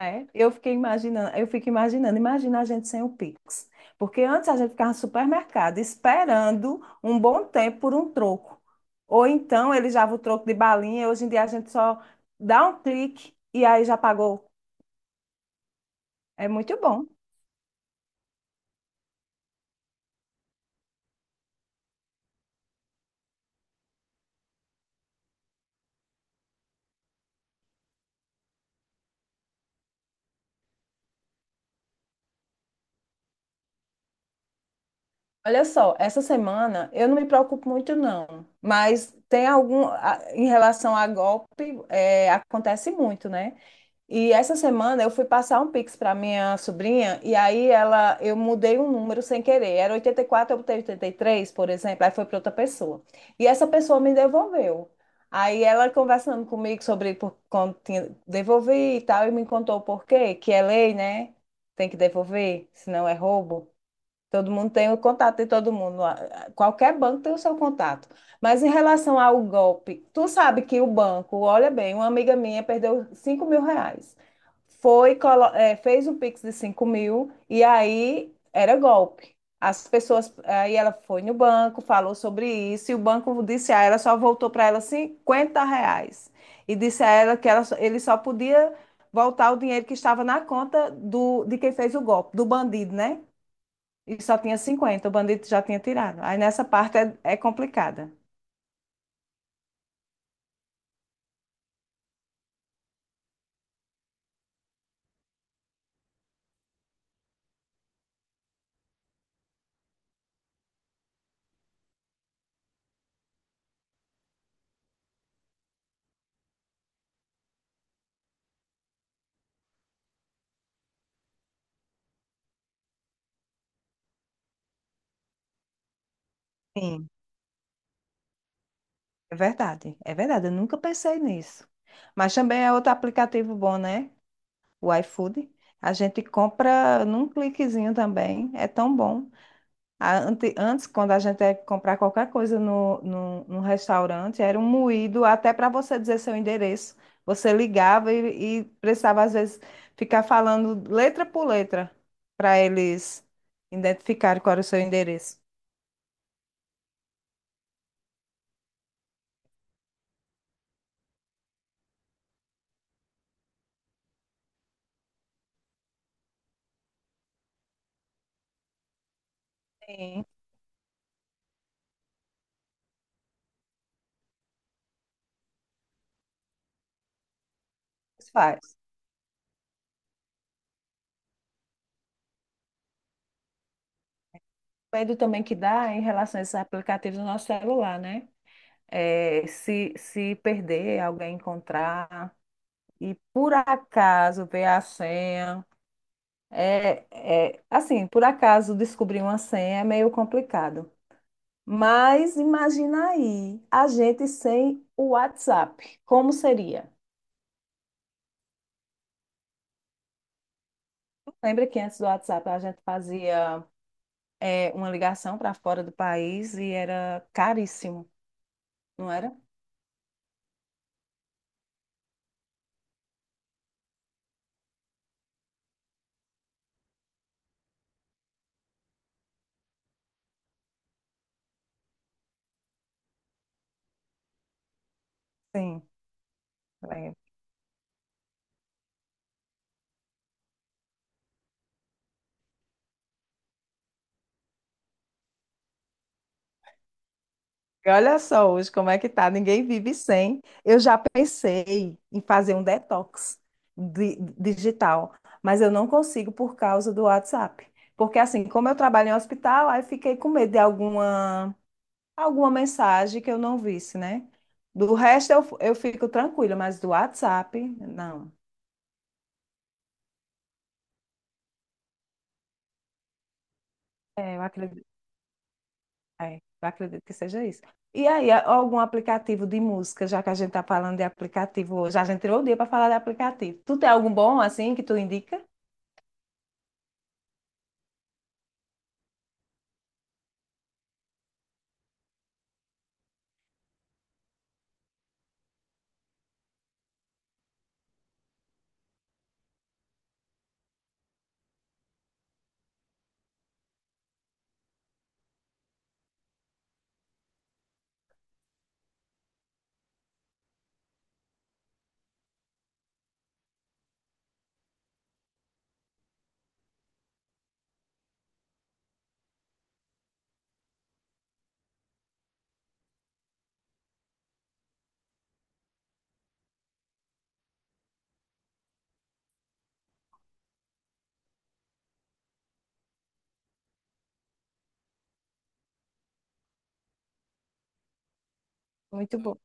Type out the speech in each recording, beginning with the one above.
É, eu fiquei imaginando, eu fico imaginando, imagina a gente sem o Pix. Porque antes a gente ficava no supermercado esperando um bom tempo por um troco. Ou então ele já o troco de balinha, hoje em dia a gente só dá um clique e aí já pagou. É muito bom. Olha só, essa semana eu não me preocupo muito não, mas tem algum, em relação a golpe, acontece muito, né? E essa semana eu fui passar um Pix para minha sobrinha e aí ela eu mudei um número sem querer. Era 84, eu botei 83, por exemplo, aí foi para outra pessoa. E essa pessoa me devolveu. Aí ela conversando comigo sobre por quando tinha, devolvi e tal, e me contou o porquê, que é lei, né? Tem que devolver, senão é roubo. Todo mundo tem o contato de todo mundo. Qualquer banco tem o seu contato. Mas em relação ao golpe, tu sabe que o banco, olha bem, uma amiga minha perdeu R$ 5.000. Foi, fez o Pix de 5.000 e aí era golpe. As pessoas, aí ela foi no banco, falou sobre isso, e o banco disse a ela, só voltou para ela R$ 50. E disse a ela que ela, ele só podia voltar o dinheiro que estava na conta do, de quem fez o golpe, do bandido, né? E só tinha 50, o bandido já tinha tirado. Aí nessa parte é complicada. Sim. É verdade, é verdade. Eu nunca pensei nisso. Mas também é outro aplicativo bom, né? O iFood. A gente compra num cliquezinho também. É tão bom. Antes, quando a gente ia comprar qualquer coisa no restaurante, era um moído até para você dizer seu endereço. Você ligava e precisava, às vezes, ficar falando letra por letra para eles identificarem qual era o seu endereço. Sim, isso faz. O medo também que dá em relação a esses aplicativos no nosso celular, né? É, se perder, alguém encontrar e por acaso ver a senha. É, assim, por acaso descobrir uma senha é meio complicado. Mas imagina aí, a gente sem o WhatsApp, como seria? Lembra que antes do WhatsApp a gente fazia uma ligação para fora do país e era caríssimo, não era? Sim, e olha só hoje como é que tá, ninguém vive sem. Eu já pensei em fazer um detox digital, mas eu não consigo por causa do WhatsApp. Porque assim, como eu trabalho em hospital, aí fiquei com medo de alguma mensagem que eu não visse, né? Do resto eu fico tranquila, mas do WhatsApp, não. É, eu acredito. É, eu acredito que seja isso. E aí, algum aplicativo de música, já que a gente está falando de aplicativo hoje, a gente tirou o dia para falar de aplicativo. Tu tem algum bom, assim, que tu indica? Muito bom.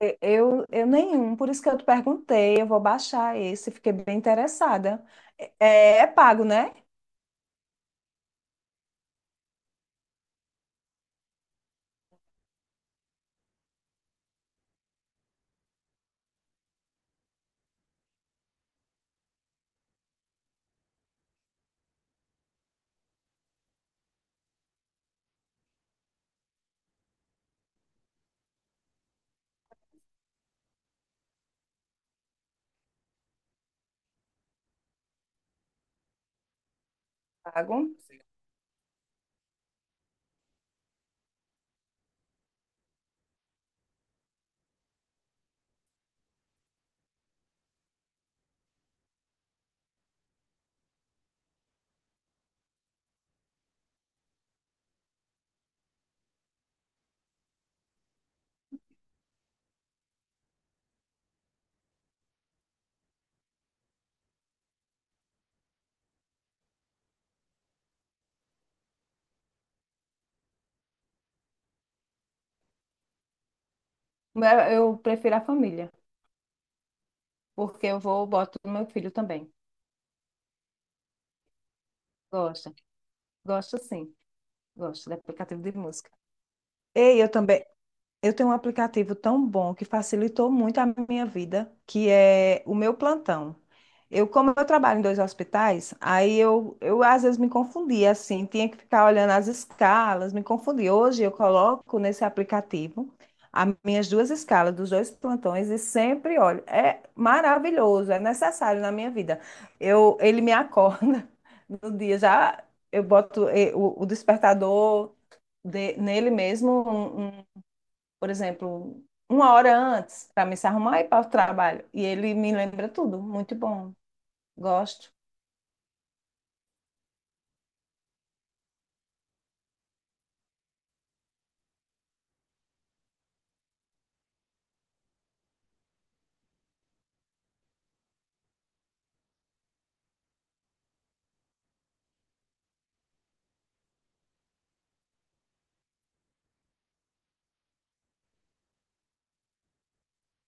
Eu nenhum, por isso que eu te perguntei, eu vou baixar esse, fiquei bem interessada. É, é pago, né? Pago. Mas eu prefiro a família, porque eu vou, boto no meu filho também. Gosta, gosta sim, gosta de aplicativo de música. Ei, eu também. Eu tenho um aplicativo tão bom que facilitou muito a minha vida, que é o meu plantão. Como eu trabalho em dois hospitais, aí eu às vezes me confundia, assim, tinha que ficar olhando as escalas, me confundia. Hoje eu coloco nesse aplicativo as minhas duas escalas dos dois plantões e sempre olho. É maravilhoso, é necessário na minha vida. Ele me acorda no dia, já eu boto o despertador nele mesmo, um, por exemplo, 1 hora antes para me se arrumar e ir para o trabalho. E ele me lembra tudo. Muito bom. Gosto.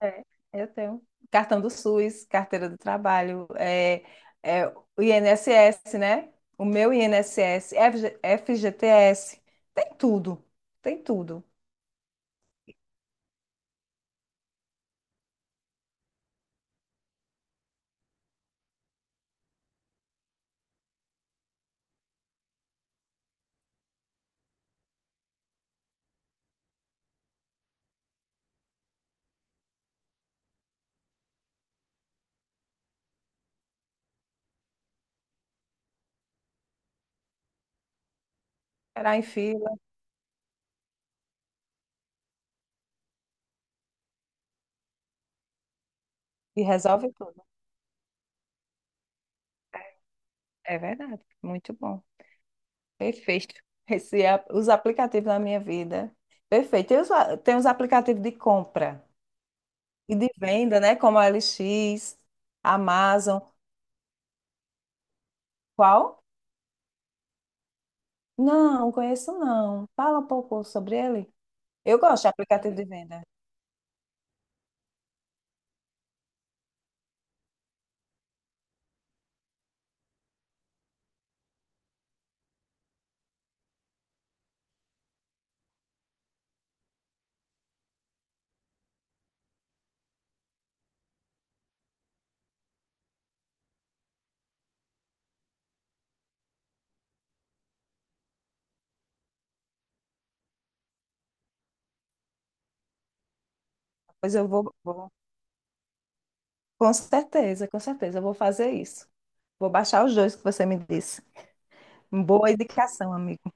É, eu tenho. Cartão do SUS, carteira do trabalho, o INSS, né? O meu INSS, FG FGTS, tem tudo. Tem tudo. Esperar em fila e resolve tudo. É verdade. Muito bom. Perfeito. Esse, é os aplicativos na minha vida. Perfeito. Tem os aplicativos de compra. E de venda, né? Como a LX, Amazon. Qual? Não, conheço não. Fala um pouco sobre ele. Eu gosto de aplicativo de venda. Pois eu vou, vou- Com certeza, com certeza, eu vou fazer isso. Vou baixar os dois que você me disse. Boa indicação, amigo.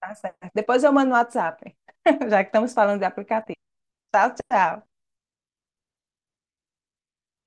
Tá certo. Depois eu mando no WhatsApp, já que estamos falando de aplicativo. Tchau, tchau.